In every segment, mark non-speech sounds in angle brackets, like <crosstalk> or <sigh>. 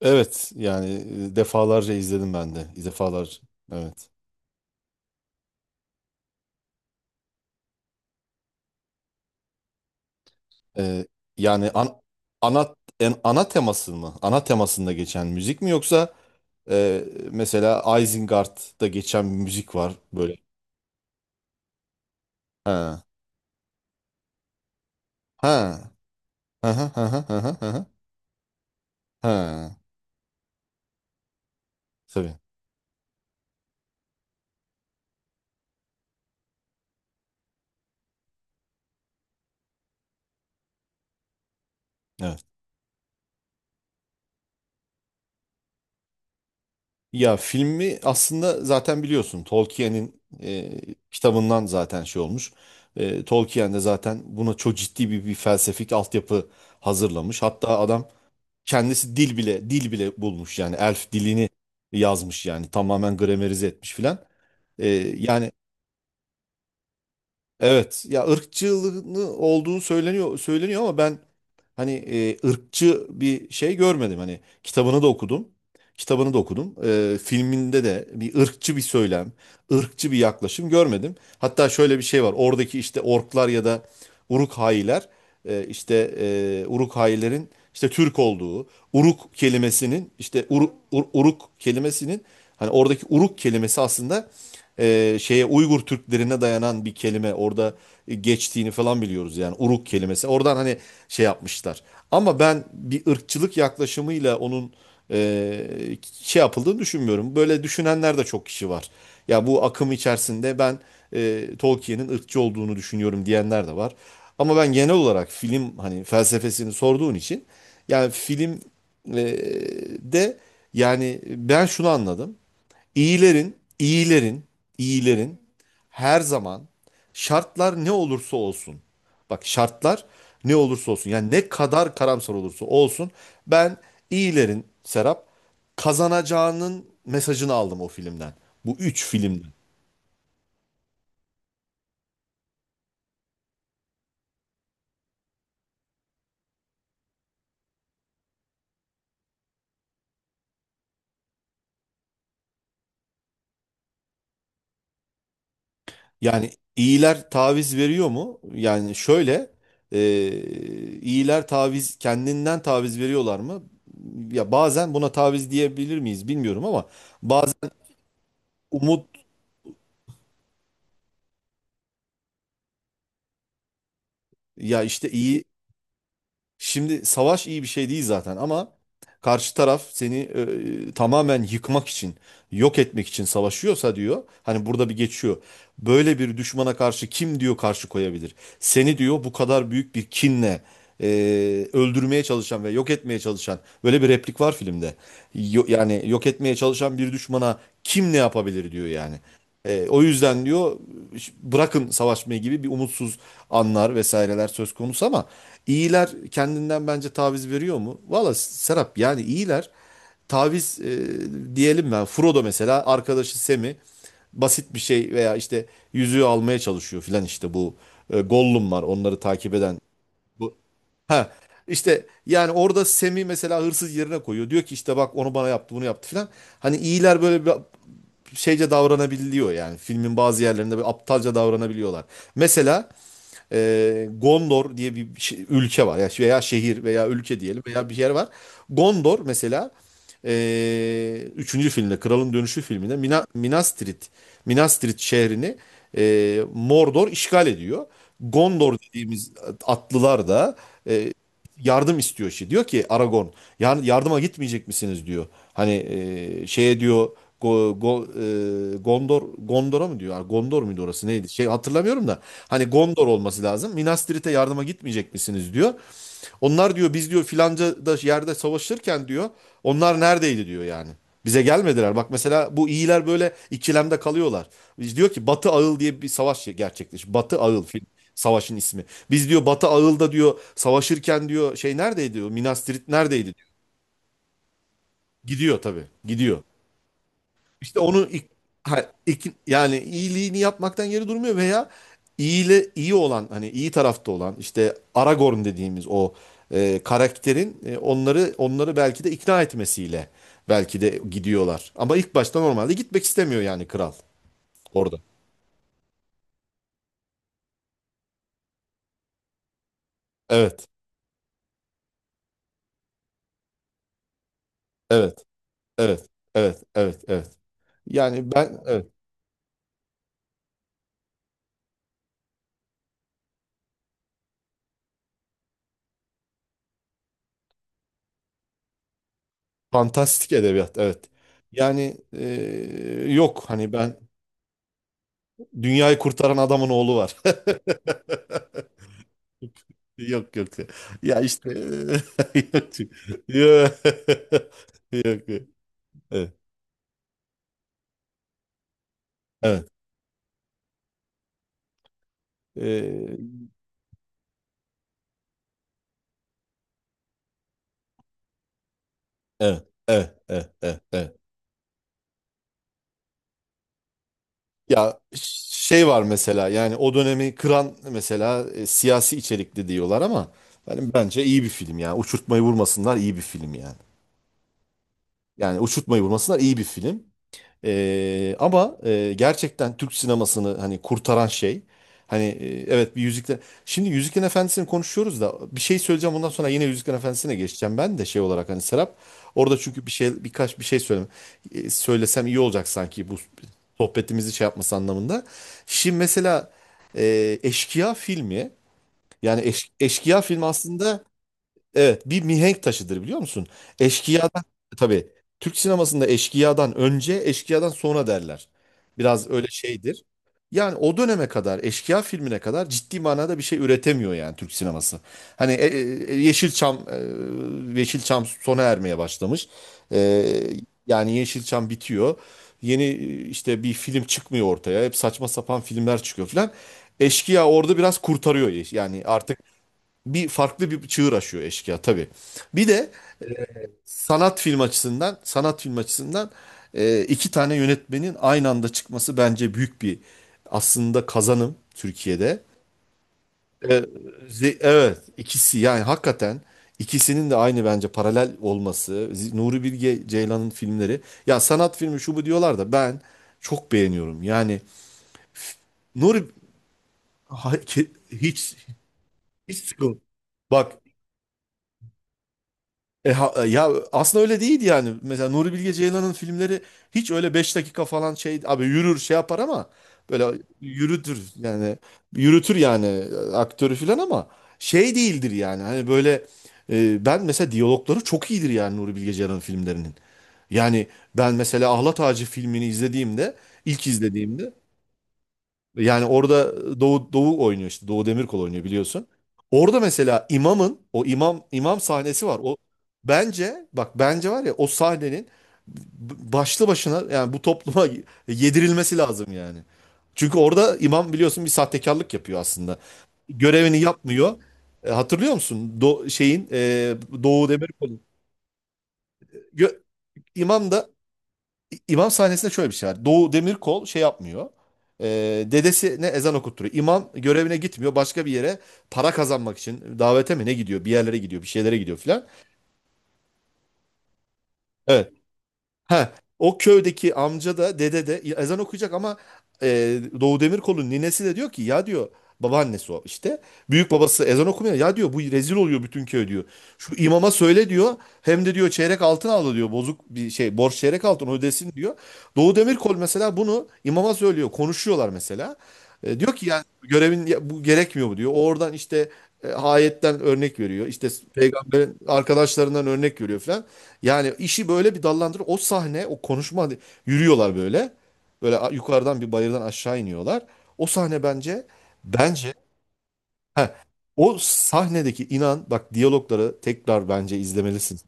Evet yani defalarca izledim ben de. Defalarca. Evet. Ee, yani ana ana teması mı? Ana temasında geçen müzik mi yoksa e, mesela Isengard'da geçen bir müzik var böyle. Ha. Ha. Ha ha ha ha ha ha. Ha. Ha. Tabii. Evet. Ya filmi aslında zaten biliyorsun Tolkien'in kitabından zaten şey olmuş. Tolkien de zaten buna çok ciddi bir felsefik altyapı hazırlamış. Hatta adam kendisi dil bile bulmuş yani elf dilini yazmış yani tamamen gramerize etmiş filan. Ee, Yani evet ya ırkçılığını olduğunu söyleniyor söyleniyor ama ben hani ırkçı bir şey görmedim. Hani kitabını da okudum. Kitabını da okudum. Filminde de bir ırkçı bir söylem, ırkçı bir yaklaşım görmedim. Hatta şöyle bir şey var. Oradaki işte orklar ya da Uruk-hailer işte Uruk-hailerin işte Türk olduğu, Uruk kelimesinin işte Uruk kelimesinin hani oradaki Uruk kelimesi aslında şeye Uygur Türklerine dayanan bir kelime orada geçtiğini falan biliyoruz yani Uruk kelimesi. Oradan hani şey yapmışlar. Ama ben bir ırkçılık yaklaşımıyla onun e, şey yapıldığını düşünmüyorum. Böyle düşünenler de çok kişi var. Ya bu akım içerisinde ben Tolkien'in ırkçı olduğunu düşünüyorum diyenler de var. Ama ben genel olarak film hani felsefesini sorduğun için yani film e, de yani ben şunu anladım. İyilerin, iyilerin, iyilerin her zaman şartlar ne olursa olsun. Bak şartlar ne olursa olsun. Yani ne kadar karamsar olursa olsun. Ben iyilerin Serap kazanacağının mesajını aldım o filmden. Bu üç filmden. Yani iyiler taviz veriyor mu? Yani şöyle e, iyiler taviz kendinden taviz veriyorlar mı? Ya bazen buna taviz diyebilir miyiz bilmiyorum ama bazen umut ya işte iyi. Şimdi savaş iyi bir şey değil zaten ama karşı taraf seni tamamen yıkmak için, yok etmek için savaşıyorsa diyor. Hani burada bir geçiyor. Böyle bir düşmana karşı kim diyor karşı koyabilir? Seni diyor bu kadar büyük bir kinle e, öldürmeye çalışan ve yok etmeye çalışan böyle bir replik var filmde. Yani yok etmeye çalışan bir düşmana kim ne yapabilir diyor yani. O yüzden diyor bırakın savaşmayı gibi bir umutsuz anlar vesaireler söz konusu ama İyiler kendinden bence taviz veriyor mu? Valla Serap yani iyiler taviz diyelim ben. Frodo mesela arkadaşı Sam'i basit bir şey veya işte yüzüğü almaya çalışıyor filan işte bu Gollum var onları takip eden bu. Ha işte yani orada Sam'i mesela hırsız yerine koyuyor. Diyor ki işte bak onu bana yaptı bunu yaptı filan. Hani iyiler böyle bir şeyce davranabiliyor yani filmin bazı yerlerinde böyle aptalca davranabiliyorlar. Mesela Gondor diye bir ülke var. Yani veya şehir veya ülke diyelim veya bir yer var. Gondor mesela üçüncü filmde Kralın Dönüşü filminde Minas Tirith şehrini Mordor işgal ediyor. Gondor dediğimiz atlılar da e, yardım istiyor şey. Diyor ki Aragon, Yardıma gitmeyecek misiniz?" diyor. Hani şeye diyor Go, Go- Gondor'a mı diyor? Gondor muydu orası neydi? Şey hatırlamıyorum da. Hani Gondor olması lazım. Minas Tirith'e yardıma gitmeyecek misiniz diyor. Onlar diyor biz diyor filanca da yerde savaşırken diyor onlar neredeydi diyor yani. Bize gelmediler. Bak mesela bu iyiler böyle ikilemde kalıyorlar. Biz diyor ki Batı Ağıl diye bir savaş gerçekleşti. Batı Ağıl savaşın ismi. Biz diyor Batı Ağıl'da diyor savaşırken diyor şey neredeydi diyor Minas Tirith neredeydi diyor. Gidiyor tabii gidiyor. İşte onu yani iyiliğini yapmaktan geri durmuyor veya iyiyle iyi olan hani iyi tarafta olan işte Aragorn dediğimiz o karakterin onları belki de ikna etmesiyle belki de gidiyorlar. Ama ilk başta normalde gitmek istemiyor yani kral orada. Evet. Evet. Evet. Evet. Evet. Evet. Yani ben evet. Fantastik edebiyat. Evet. Yani yok hani ben dünyayı kurtaran adamın oğlu var. <laughs> Yok yok. Ya işte <laughs> yok. Yok. <laughs> Yok. Yok. Evet. Evet. Ee, evet. Evet. Evet. Evet. Evet. Ya şey var mesela yani o dönemi kıran mesela siyasi içerikli diyorlar ama yani bence iyi bir film yani. Uçurtmayı vurmasınlar iyi bir film yani. Yani uçurtmayı vurmasınlar iyi bir film. Ama gerçekten Türk sinemasını hani kurtaran şey hani evet bir Yüzükler şimdi Yüzüklerin Efendisi'ni konuşuyoruz da bir şey söyleyeceğim ondan sonra yine Yüzüklerin Efendisi'ne geçeceğim ben de şey olarak hani Serap orada çünkü birkaç bir şey söyleme söylesem iyi olacak sanki bu sohbetimizi şey yapması anlamında. Şimdi mesela Eşkıya filmi yani Eşkıya filmi aslında evet, bir mihenk taşıdır biliyor musun? Eşkıyadan tabii Türk sinemasında eşkıyadan önce, eşkıyadan sonra derler. Biraz öyle şeydir. Yani o döneme kadar, eşkıya filmine kadar ciddi manada bir şey üretemiyor yani Türk sineması. Hani Yeşilçam Yeşilçam sona ermeye başlamış. E, Yani Yeşilçam bitiyor. Yeni işte bir film çıkmıyor ortaya. Hep saçma sapan filmler çıkıyor filan. Eşkıya orada biraz kurtarıyor. Yani artık bir farklı bir çığır açıyor eşkıya tabii. Bir de sanat film açısından iki tane yönetmenin aynı anda çıkması bence büyük bir aslında kazanım Türkiye'de. E, evet ikisi yani hakikaten ikisinin de aynı bence paralel olması. Nuri Bilge Ceylan'ın filmleri ya sanat filmi şu bu diyorlar da ben çok beğeniyorum. Yani Nuri <laughs> ha- ke- hiç hiç sıkıl. Bak ya aslında öyle değil yani. Mesela Nuri Bilge Ceylan'ın filmleri hiç öyle 5 dakika falan şey abi yürür şey yapar ama böyle yürütür yani yürütür yani aktörü falan ama şey değildir yani. Hani böyle ben mesela diyalogları çok iyidir yani Nuri Bilge Ceylan'ın filmlerinin. Yani ben mesela Ahlat Ağacı filmini izlediğimde ilk izlediğimde yani orada Doğu oynuyor işte. Doğu Demirkol oynuyor biliyorsun. Orada mesela imamın o imam sahnesi var. O bence bak bence var ya o sahnenin başlı başına yani bu topluma <laughs> yedirilmesi lazım yani. Çünkü orada imam biliyorsun bir sahtekarlık yapıyor aslında. Görevini yapmıyor. Hatırlıyor musun? Doğu Demirkol'un Gö- imam da İmam sahnesinde şöyle bir şey var. Doğu Demirkol şey yapmıyor. E, Dedesine ezan okutturuyor. İmam görevine gitmiyor. Başka bir yere para kazanmak için davete mi ne gidiyor? Bir yerlere gidiyor, bir şeylere gidiyor filan. Evet. Ha, o köydeki amca da dede de ezan okuyacak ama Doğu Demirkol'un ninesi de diyor ki ya diyor babaannesi o işte büyük babası ezan okumuyor ya diyor bu rezil oluyor bütün köy diyor. Şu imama söyle diyor hem de diyor çeyrek altın aldı diyor bozuk bir şey borç çeyrek altın ödesin diyor. Doğu Demirkol mesela bunu imama söylüyor konuşuyorlar mesela. Diyor ki yani görevin ya bu gerekmiyor mu diyor. Oradan işte ayetten örnek veriyor. İşte peygamberin arkadaşlarından örnek veriyor falan. Yani işi böyle bir dallandırır. O sahne, o konuşma hani yürüyorlar böyle. Böyle yukarıdan bir bayırdan aşağı iniyorlar. O sahne bence bence heh, o sahnedeki inan bak diyalogları tekrar bence izlemelisin.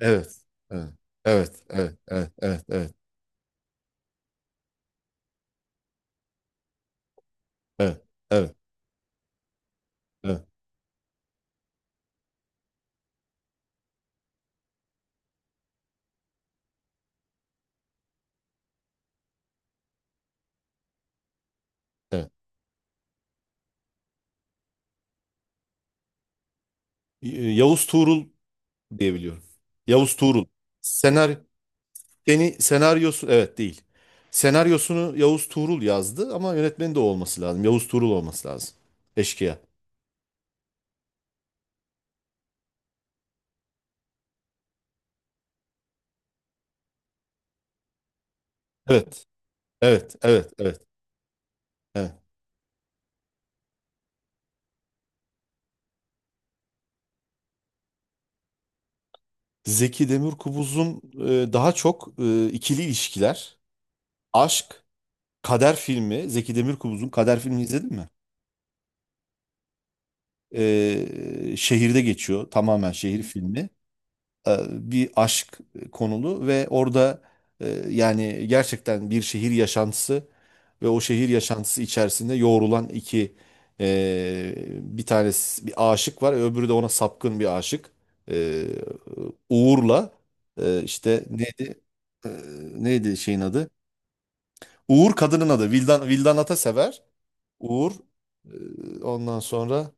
Evet. Evet. Evet. Evet. Evet. Evet. Evet. Evet. Evet. Evet. Evet. Yavuz Tuğrul diyebiliyorum. Yavuz Tuğrul. Senaryo senaryosu evet değil. Senaryosunu Yavuz Tuğrul yazdı ama yönetmeni de o olması lazım. Yavuz Tuğrul olması lazım. Eşkıya. Evet, evet, evet, evet. Evet. Zeki Demirkubuz'un daha çok ikili ilişkiler, aşk, kader filmi. Zeki Demirkubuz'un kader filmi izledin mi? Şehirde geçiyor. Tamamen şehir filmi. Bir aşk konulu ve orada yani gerçekten bir şehir yaşantısı ve o şehir yaşantısı içerisinde yoğrulan iki bir tanesi bir aşık var öbürü de ona sapkın bir aşık. E, Uğur'la işte neydi? E, Neydi şeyin adı? Uğur kadının adı Vildan Atasever. Uğur ondan sonra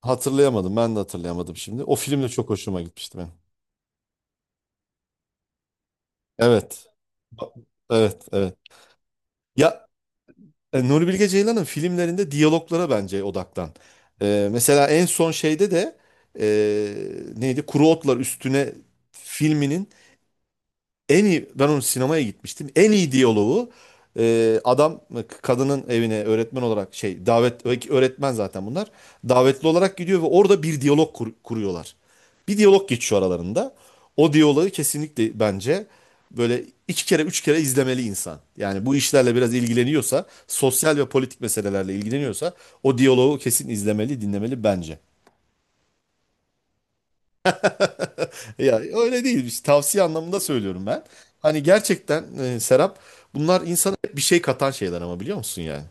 hatırlayamadım ben de hatırlayamadım şimdi o film de çok hoşuma gitmişti benim. Evet. Evet, evet. Ya Nuri Bilge Ceylan'ın filmlerinde diyaloglara bence odaklan. Mesela en son şeyde de neydi? Kuru Otlar Üstüne filminin en iyi ben onun sinemaya gitmiştim. En iyi diyaloğu adam kadının evine öğretmen olarak şey davet öğretmen zaten bunlar. Davetli olarak gidiyor ve orada bir diyalog kuruyorlar. Bir diyalog geçiyor aralarında. O diyaloğu kesinlikle bence böyle iki kere üç kere izlemeli insan. Yani bu işlerle biraz ilgileniyorsa, sosyal ve politik meselelerle ilgileniyorsa o diyaloğu kesin izlemeli, dinlemeli bence. Ya öyle değil işte tavsiye anlamında söylüyorum ben. Hani gerçekten Serap bunlar insana hep bir şey katan şeyler ama biliyor musun yani?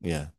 Yani.